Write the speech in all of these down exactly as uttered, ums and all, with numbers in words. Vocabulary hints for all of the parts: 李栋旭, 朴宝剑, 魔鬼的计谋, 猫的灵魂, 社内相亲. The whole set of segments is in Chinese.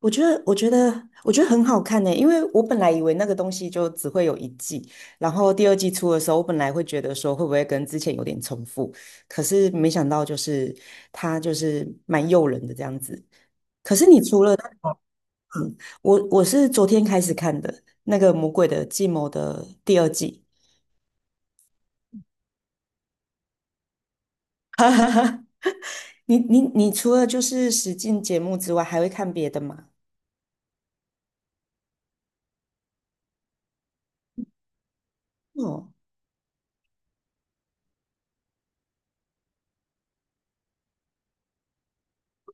我觉得，我觉得，我觉得很好看呢，因为我本来以为那个东西就只会有一季，然后第二季出的时候，我本来会觉得说会不会跟之前有点重复，可是没想到就是它就是蛮诱人的这样子。可是你除了那个我我是昨天开始看的那个《魔鬼的计谋》的第二季。哈哈哈。你你你除了就是使境节目之外，还会看别的吗？哦，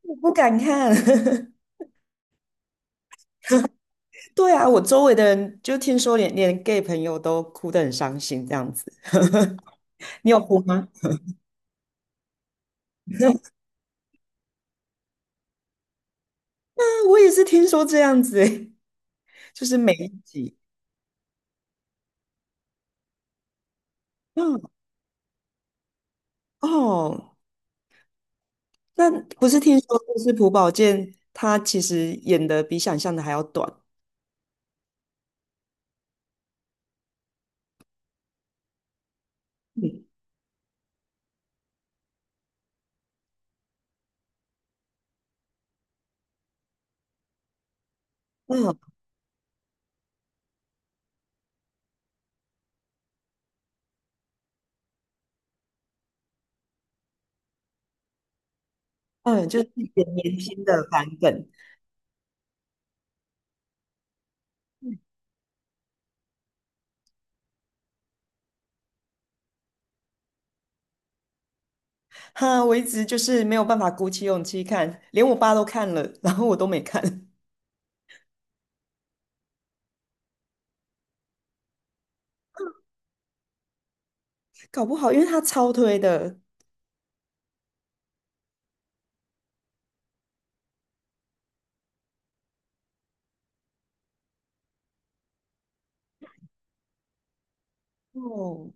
我不敢看。对啊，我周围的人就听说连连 gay 朋友都哭得很伤心这样子，你有哭吗？啊，我也是听说这样子欸。就是每一集，嗯。哦，那不是听说就是朴宝剑他其实演的比想象的还要短，嗯嗯嗯，就是演年轻的版本。哈，我一直就是没有办法鼓起勇气看，连我爸都看了，然后我都没看。搞不好因为他超推的。哦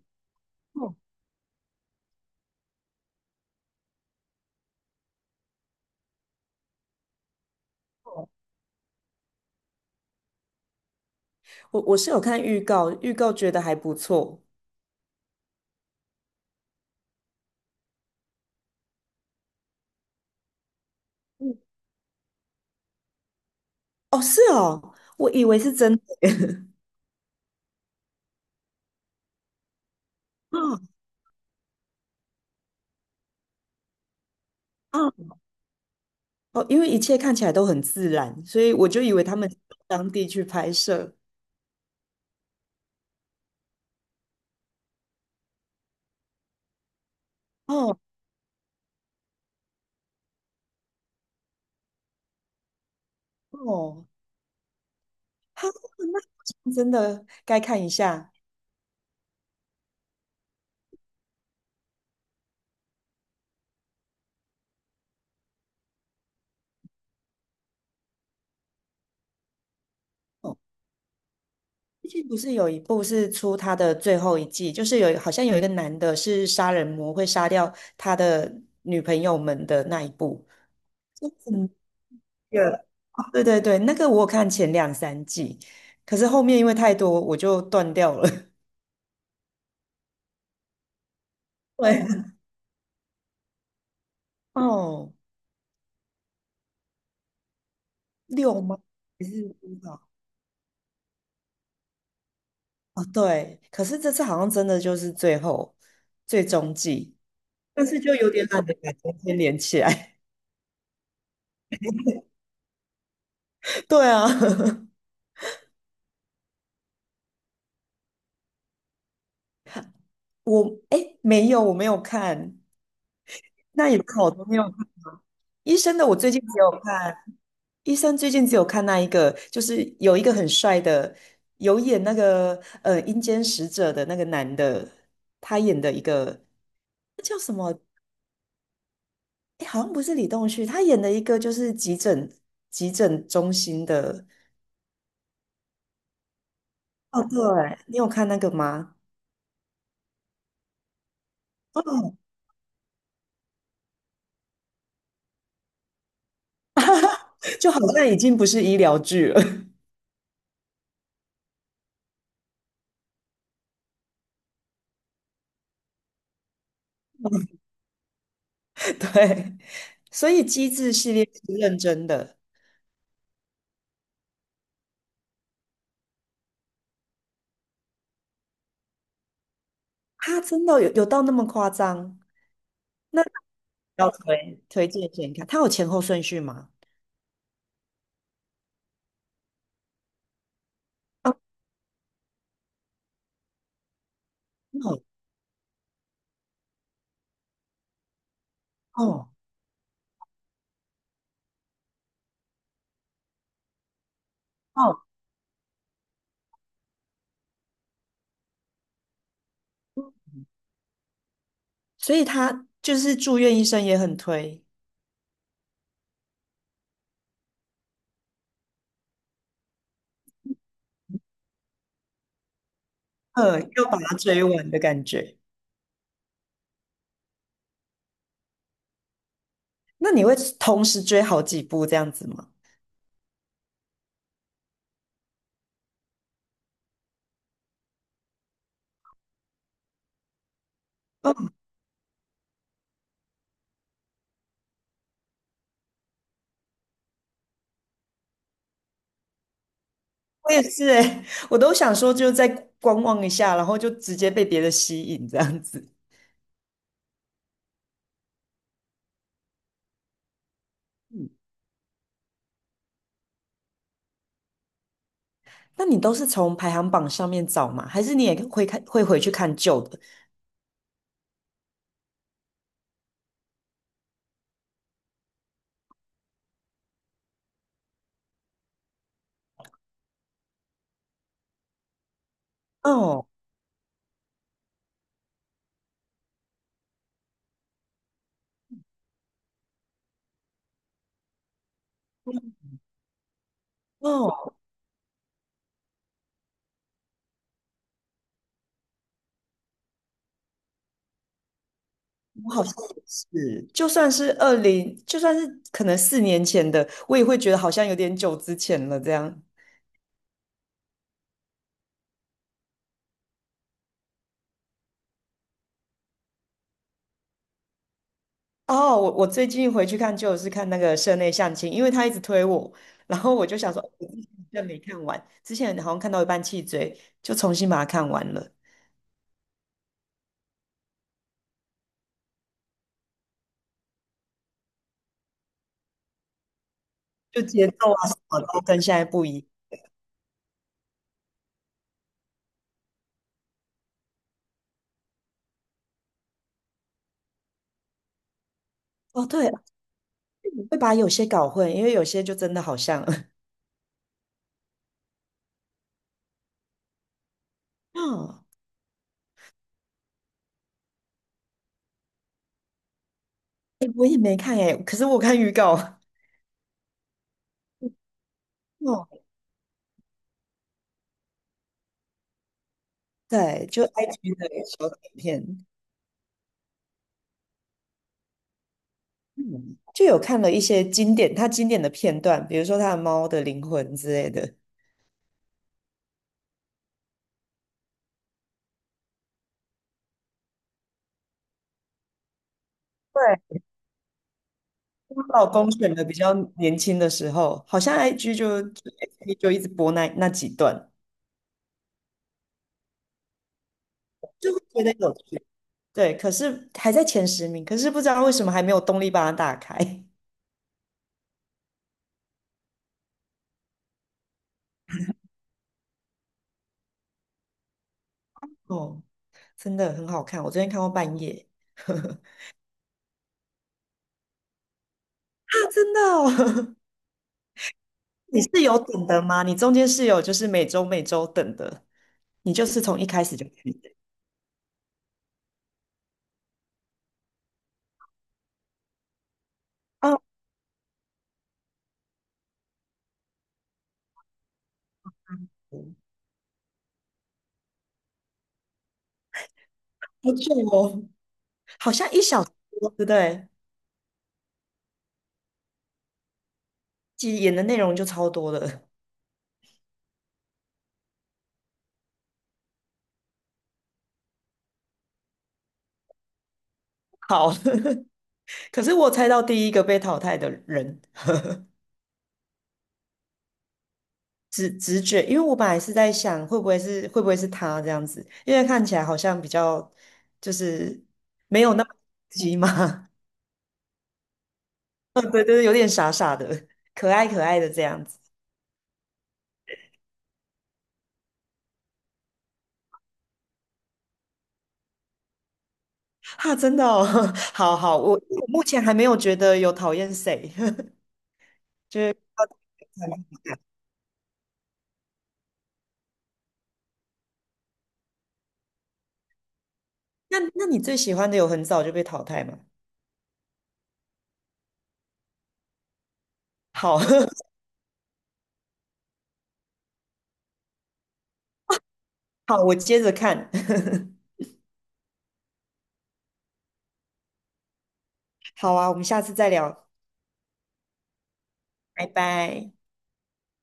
哦哦，我我是有看预告，预告觉得还不错。嗯。哦，是哦，我以为是真的。啊，啊。哦，因为一切看起来都很自然，所以我就以为他们是到当地去拍摄。哦哦，哈，那好像真的该看一下。哦，最近不是有一部是出他的最后一季，就是有好像有一个男的是杀人魔，会杀掉他的女朋友们的那一部。对对对，那个我有看前两三季，可是后面因为太多，我就断掉了。对。哦，六吗？还是多少？哦，对，可是这次好像真的就是最后最终季，但是就有点懒得把中间连起来。对啊。我哎没有，我没有看，那也不好，我都没有看。医生的我最近只有看，医生最近只有看那一个，就是有一个很帅的，有演那个呃阴间使者的那个男的，他演的一个。那叫什么？诶好像不是李栋旭，他演的一个就是急诊急诊中心的。哦，对，你有看那个吗？哦。就好像已经不是医疗剧了。对，所以机智系列是认真的，他真的有有到那么夸张？要推推荐给你看，它有前后顺序吗？哦，哦哦，哦，所以他就是住院医生也很推，呃，要把它追完的感觉。那你会同时追好几部这样子吗？哦，我也是诶，我都想说就再观望一下，然后就直接被别的吸引这样子。那你都是从排行榜上面找吗？还是你也会看会回去看旧的？哦哦，我好像也是，就算是二零，就算是可能四年前的，我也会觉得好像有点久之前了这样。哦，我我最近回去看就是看那个社内相亲，因为他一直推我，然后我就想说，哦，我之前没看完，之前好像看到一半弃追，就重新把它看完了，就节奏啊什么的跟现在不一。哦，对，我会把有些搞混，因为有些就真的好像。哦，你也没看哎，可是我看预告。哦，对，就 I G 的小短片。嗯，就有看了一些经典，他经典的片段，比如说他的《猫的灵魂》之类的。对，她老公选的比较年轻的时候，好像 I G 就就 F B 就一直播那那几段，就会觉得有趣。对，可是还在前十名，可是不知道为什么还没有动力把它打开。哦，真的很好看，我昨天看到半夜。啊真的哦。你是有等的吗？你中间是有就是每周每周等的，你就是从一开始就看的。哦，好久哦，好像一小时多对不对？其实演的内容就超多了。好。可是我猜到第一个被淘汰的人，直直觉，因为我本来是在想会不会是会不会是他这样子，因为看起来好像比较就是没有那么急嘛。对对对，有点傻傻的，可爱可爱的这样子。哈，真的哦。好好，我我目前还没有觉得有讨厌谁。就是那那你最喜欢的有很早就被淘汰吗？好。好，我接着看。好啊，我们下次再聊，拜拜。